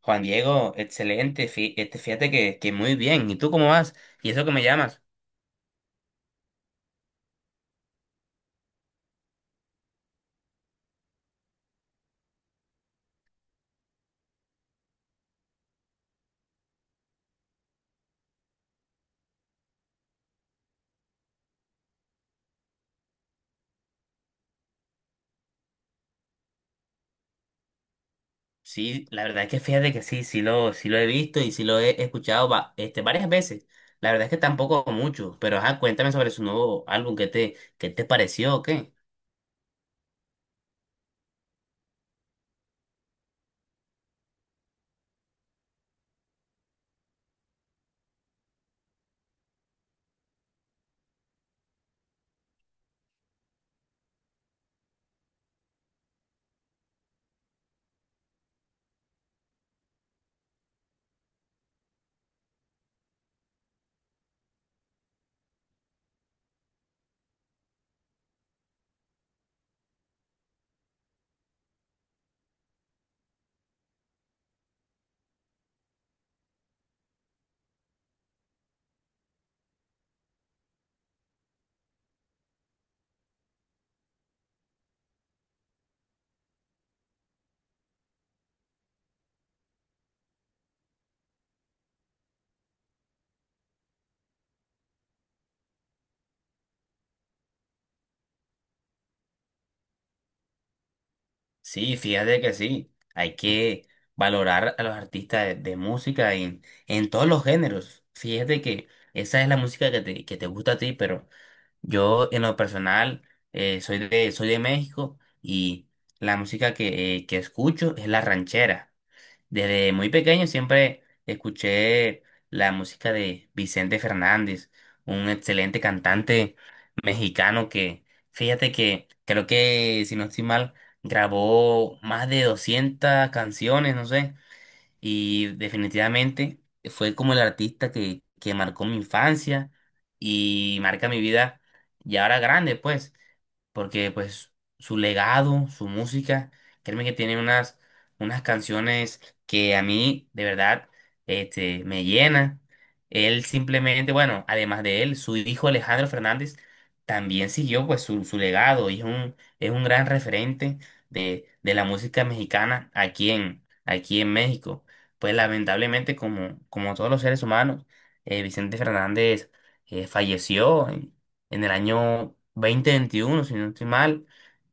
Juan Diego, excelente. Este, fíjate que muy bien. ¿Y tú cómo vas? ¿Y eso que me llamas? Sí, la verdad es que fíjate que sí, sí lo he visto y sí lo he escuchado, este, varias veces. La verdad es que tampoco mucho, pero ajá, cuéntame sobre su nuevo álbum. ¿Qué te pareció o qué? Sí, fíjate que sí. Hay que valorar a los artistas de música, en todos los géneros. Fíjate que esa es la música que te gusta a ti, pero yo, en lo personal, soy de México, y la música que escucho es la ranchera. Desde muy pequeño siempre escuché la música de Vicente Fernández, un excelente cantante mexicano fíjate que creo que, si no estoy mal, grabó más de 200 canciones, no sé, y definitivamente fue como el artista que marcó mi infancia y marca mi vida ya ahora grande, pues, porque pues su legado, su música, créeme que tiene unas, canciones que a mí de verdad, este, me llena. Él simplemente, bueno, además de él, su hijo Alejandro Fernández también siguió pues su legado, y es un gran referente de la música mexicana aquí en, aquí en México. Pues lamentablemente, como todos los seres humanos, Vicente Fernández falleció en, el año 2021, si no estoy mal,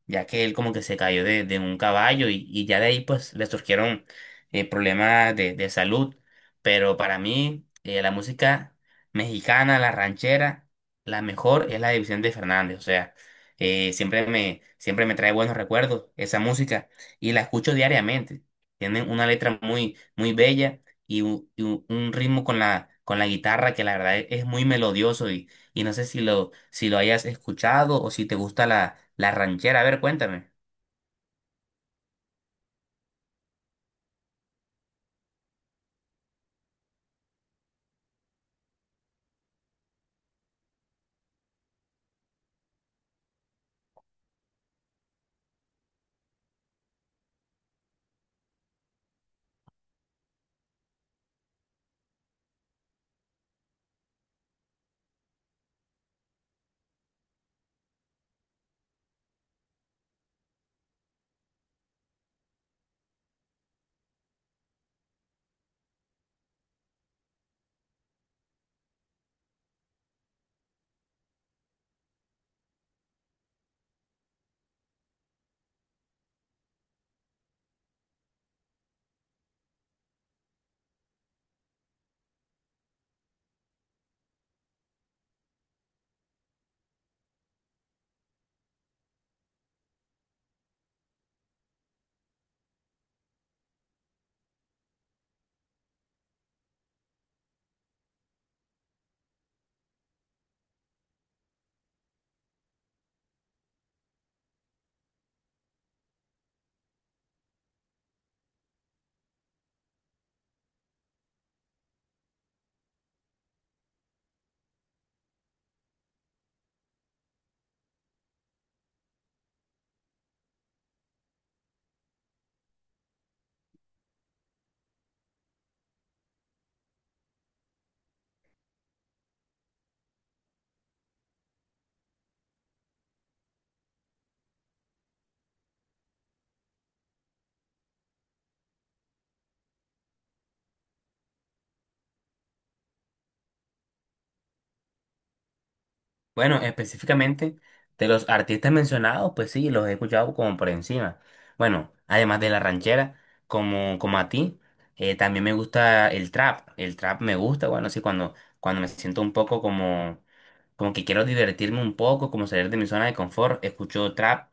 ya que él como que se cayó de un caballo y ya de ahí pues le surgieron, problemas de salud. Pero para mí, la música mexicana, la ranchera, la mejor es la de Vicente Fernández. O sea, siempre me trae buenos recuerdos esa música, y la escucho diariamente. Tienen una letra muy muy bella, y un ritmo con la guitarra, que la verdad es muy melodioso, y no sé si lo, si lo hayas escuchado, o si te gusta la ranchera. A ver, cuéntame. Bueno, específicamente, de los artistas mencionados, pues sí, los he escuchado como por encima. Bueno, además de la ranchera, como a ti, también me gusta el trap. El trap me gusta, bueno, sí, cuando, me siento un poco como, que quiero divertirme un poco, como salir de mi zona de confort, escucho trap.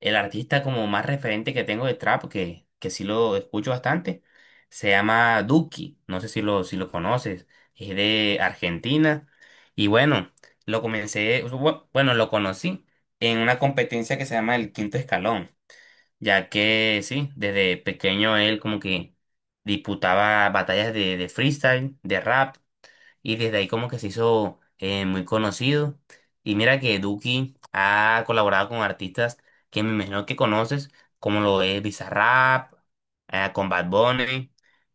El artista como más referente que tengo de trap, que, sí lo escucho bastante, se llama Duki. No sé si lo, conoces, es de Argentina. Y bueno, lo comencé, bueno, lo conocí en una competencia que se llama el Quinto Escalón, ya que sí, desde pequeño, él como que disputaba batallas de freestyle, de rap, y desde ahí como que se hizo, muy conocido. Y mira que Duki ha colaborado con artistas que me imagino que conoces, como lo es Bizarrap, con Bad Bunny.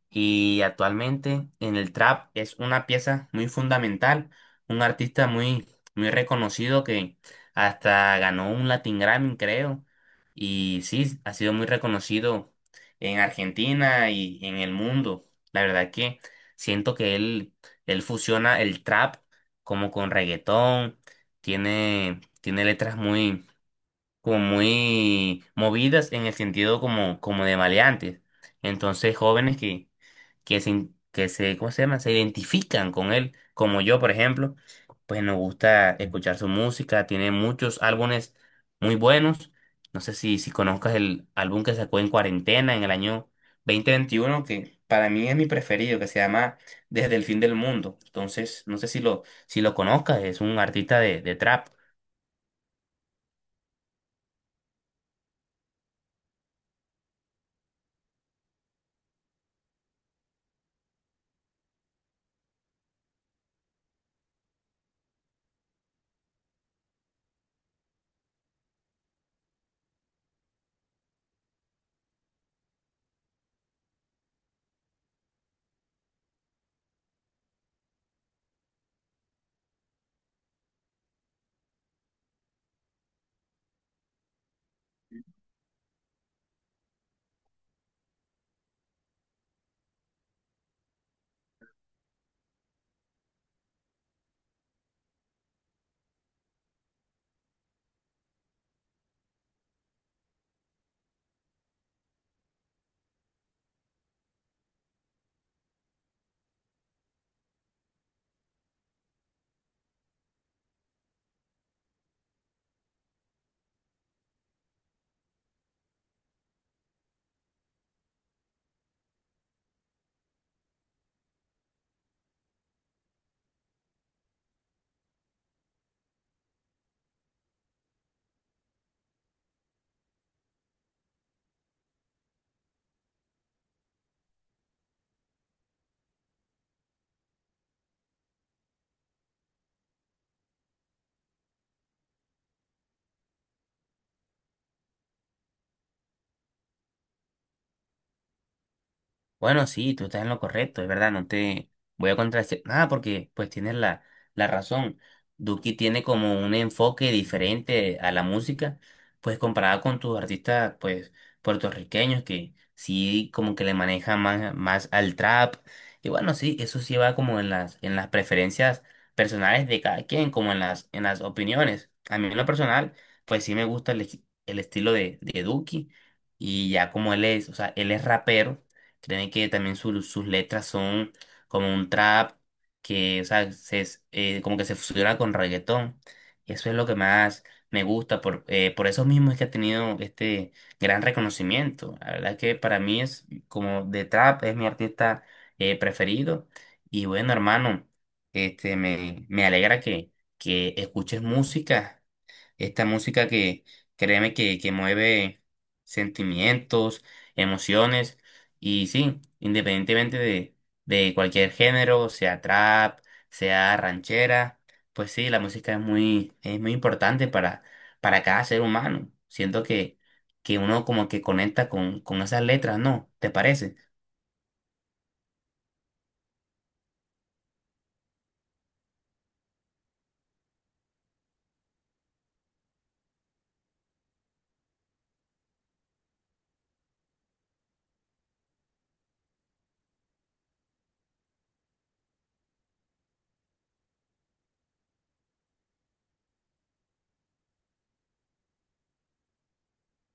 Y actualmente, en el trap, es una pieza muy fundamental, un artista muy, muy reconocido, que hasta ganó un Latin Grammy, creo. Y sí, ha sido muy reconocido en Argentina y en el mundo. La verdad, que siento que él fusiona el trap como con reggaetón, tiene, letras muy, como muy movidas, en el sentido como, de maleantes. Entonces, jóvenes que se, ¿cómo se llama?, se identifican con él, como yo, por ejemplo, pues nos gusta escuchar su música, tiene muchos álbumes muy buenos. No sé si, conozcas el álbum que sacó en cuarentena en el año 2021, que para mí es mi preferido, que se llama Desde el Fin del Mundo. Entonces, no sé si lo, conozcas, es un artista de trap. Bueno, sí, tú estás en lo correcto, es verdad, no te voy a contradecir nada, porque pues tienes la razón. Duki tiene como un enfoque diferente a la música, pues comparada con tus artistas, pues, puertorriqueños, que sí como que le manejan más, más al trap. Y bueno, sí, eso sí va como en las preferencias personales de cada quien, como en las opiniones. A mí, en lo personal, pues sí me gusta el estilo de Duki, y ya, como él es, o sea, él es rapero. Créeme que también sus letras son como un trap que, o sea, como que se fusiona con reggaetón. Y eso es lo que más me gusta. Por eso mismo es que ha tenido este gran reconocimiento. La verdad, que para mí, es como de trap, es mi artista, preferido. Y bueno, hermano, este, me, alegra que, escuches música. Esta música que créeme que, mueve sentimientos, emociones, y sí, independientemente de cualquier género, sea trap, sea ranchera, pues sí, la música es muy importante para, cada ser humano. Siento que, uno como que conecta con, esas letras, ¿no? ¿Te parece?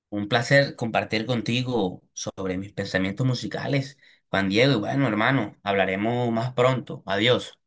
Un placer compartir contigo sobre mis pensamientos musicales, Juan Diego, y bueno, hermano, hablaremos más pronto. Adiós.